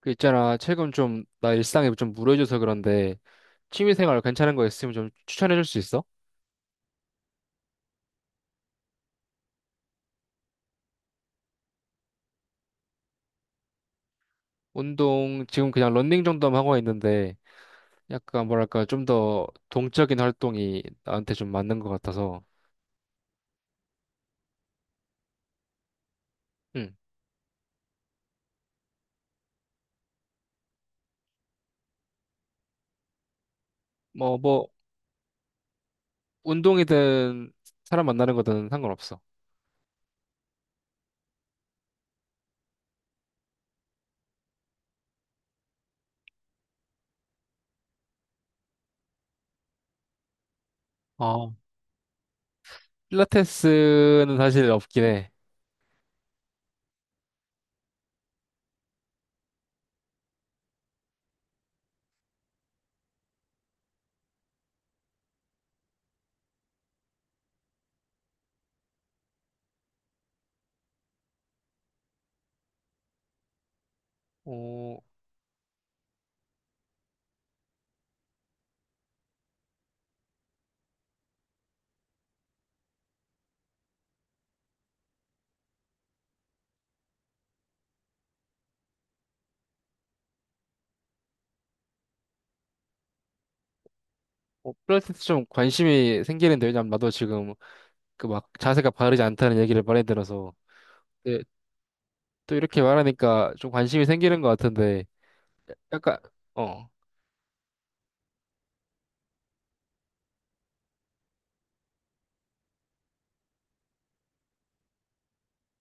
그 있잖아, 최근 좀 나 일상이 좀 무료해져서 그런데 취미생활 괜찮은 거 있으면 좀 추천해줄 수 있어? 운동 지금 그냥 런닝 정도만 하고 있는데 약간 뭐랄까 좀 더 동적인 활동이 나한테 좀 맞는 것 같아서. 응. 뭐 운동이든 사람 만나는 거든 상관없어. 아, 필라테스는 사실 없긴 해. 어, 필라테스 좀 관심이 생기는데, 왜냐면 나도 지금 그 막 자세가 바르지 않다는 얘기를 많이 들어서. 네, 또 이렇게 말하니까 좀 관심이 생기는 것 같은데, 약간. 어,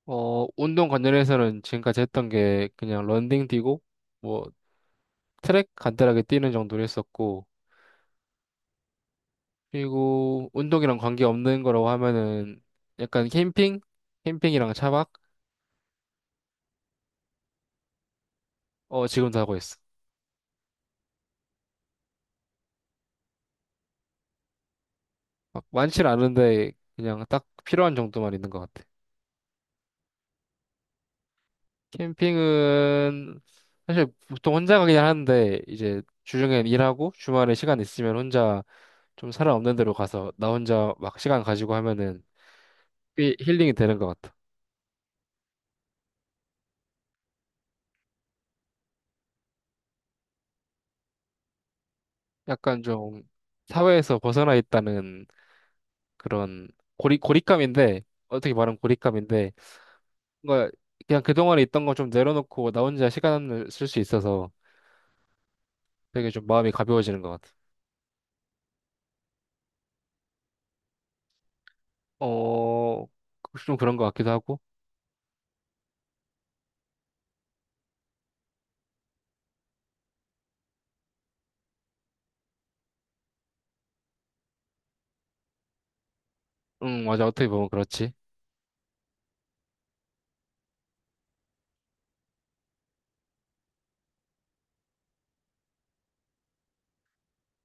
운동 관련해서는 지금까지 했던 게 그냥 런닝 뛰고, 뭐, 트랙 간단하게 뛰는 정도로 했었고, 그리고 운동이랑 관계없는 거라고 하면은 약간 캠핑? 캠핑이랑 차박? 어, 지금도 하고 있어. 막많는 않은데 그냥 딱 필요한 정도만 있는 것 같아. 캠핑은 사실 보통 혼자 가긴 하는데, 이제 주중엔 일하고 주말에 시간 있으면 혼자 좀 사람 없는 데로 가서 나 혼자 막 시간 가지고 하면은 꽤 힐링이 되는 것 같아. 약간 좀 사회에서 벗어나 있다는 그런 고립감인데, 어떻게 말하면 고립감인데, 뭔가 그냥 그동안에 있던 거 좀 내려놓고 나 혼자 시간을 쓸 수 있어서 되게 좀 마음이 가벼워지는 것 같아. 어, 좀 그런 것 같기도 하고. 응, 맞아. 어떻게 보면 그렇지.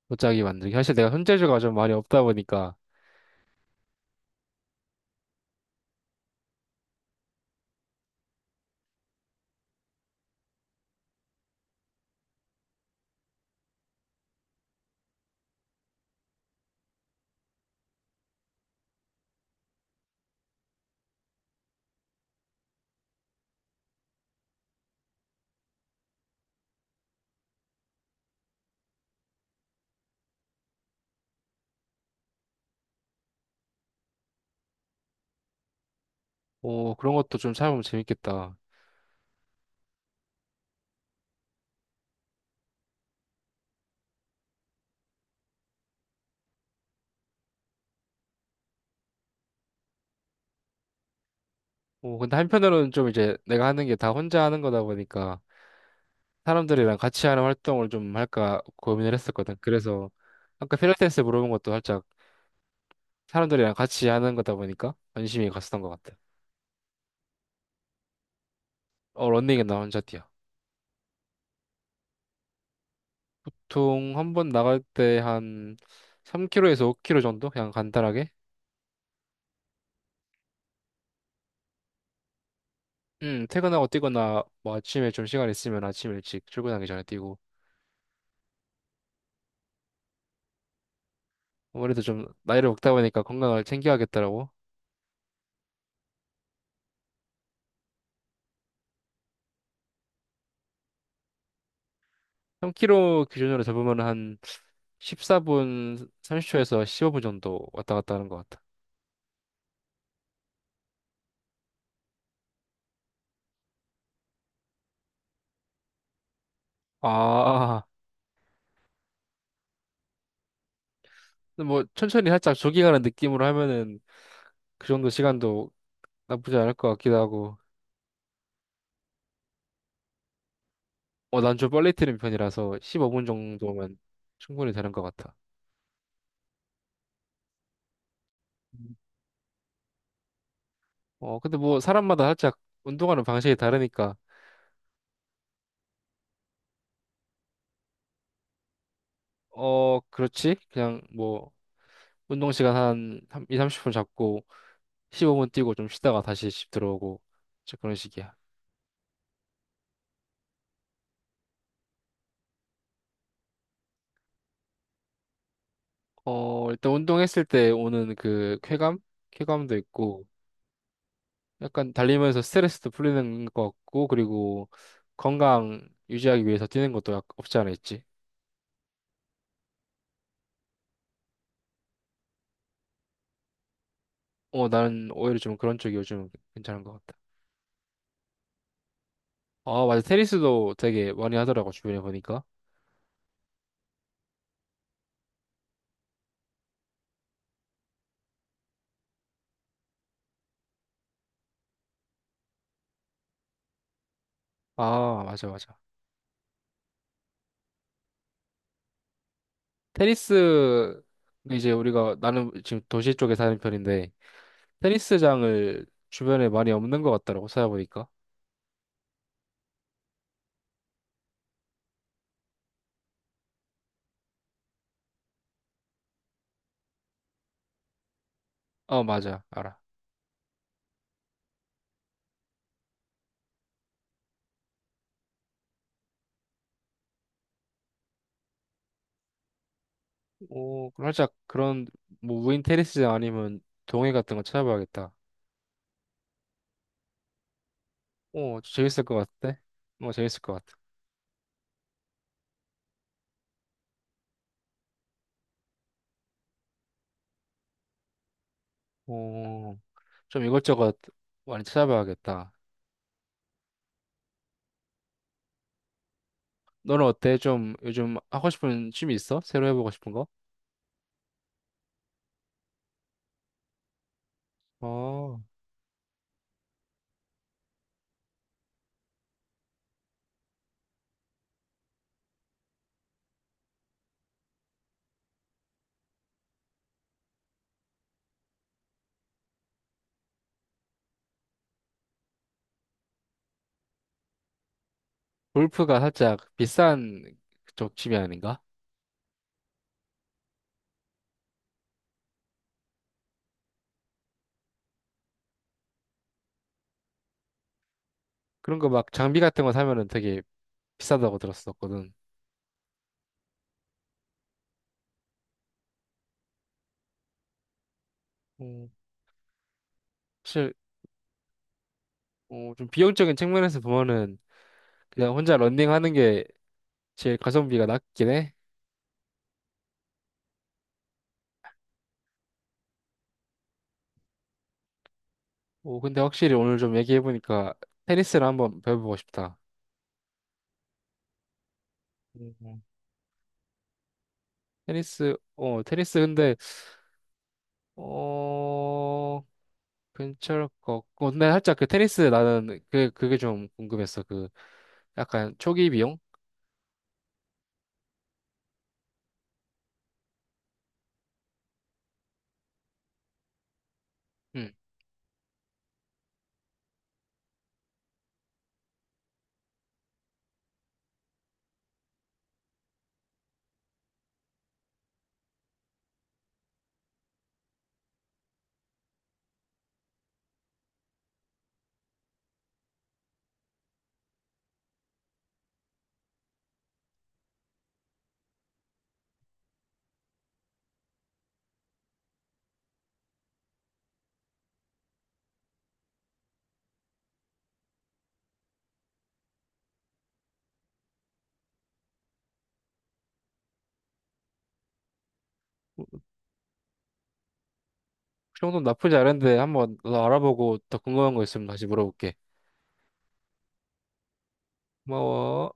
도자기 만들기. 사실 내가 손재주가 좀 많이 없다 보니까. 오, 그런 것도 좀 찾아보면 재밌겠다. 오, 근데 한편으로는 좀 이제 내가 하는 게 다 혼자 하는 거다 보니까 사람들이랑 같이 하는 활동을 좀 할까 고민을 했었거든. 그래서 아까 필라테스 물어본 것도 살짝 사람들이랑 같이 하는 거다 보니까 관심이 갔었던 것 같아. 어, 런닝은 나 혼자 뛰어. 보통 한 번 나갈 때 한 3km에서 5km 정도? 그냥 간단하게? 퇴근하고 뛰거나 뭐 아침에 좀 시간 있으면 아침 일찍 출근하기 전에 뛰고. 아무래도 좀 나이를 먹다 보니까 건강을 챙겨야겠더라고. 3km 기준으로 잡으면 한 14분 30초에서 15분 정도 왔다 갔다 하는 것 같아. 아, 근데 뭐 천천히 살짝 조깅하는 느낌으로 하면은 그 정도 시간도 나쁘지 않을 것 같기도 하고. 어, 난 좀 빨리 뛰는 편이라서 15분 정도면 충분히 되는 것 같아. 음. 어, 근데 뭐 사람마다 살짝 운동하는 방식이 다르니까. 어, 그렇지. 그냥 뭐 운동 시간 한 2, 30분 잡고 15분 뛰고 좀 쉬다가 다시 집 들어오고 이제 그런 식이야. 어, 일단 운동했을 때 오는 그 쾌감? 쾌감도 있고, 약간 달리면서 스트레스도 풀리는 것 같고, 그리고 건강 유지하기 위해서 뛰는 것도 없지 않아 있지. 어, 나는 오히려 좀 그런 쪽이 요즘 괜찮은 것 같다. 아, 맞아. 테니스도 되게 많이 하더라고, 주변에 보니까. 아, 맞아, 맞아. 테니스, 이제 우리가, 나는 지금 도시 쪽에 사는 편인데, 테니스장을 주변에 많이 없는 것 같더라고, 찾아보니까. 어, 맞아. 알아. 어, 그럼 살짝 그런 뭐 무인 테니스장 아니면 동해 같은 거 찾아봐야겠다. 어, 재밌을 것 같은데? 어, 재밌을 것 같아. 어, 좀 이것저것 많이 찾아봐야겠다. 너는 어때? 좀 요즘 하고 싶은 취미 있어? 새로 해보고 싶은 거? 어, 골프가 살짝 비싼 쪽 취미 아닌가? 그런 거 막 장비 같은 거 사면은 되게 비싸다고 들었었거든. 어, 사실, 좀 비용적인 측면에서 보면은 그냥 혼자 런닝하는 게 제일 가성비가 낮긴 해. 오, 근데 확실히 오늘 좀 얘기해보니까 테니스를 한번 배워보고 싶다. 음. 테니스 근데, 어, 괜찮을 것 같고. 근데 살짝 그 테니스 나는 그게 좀 궁금했어. 그, 약간 초기 비용? 응. 그 정도는 나쁘지 않은데 한번 더 알아보고 더 궁금한 거 있으면 다시 물어볼게. 고마워.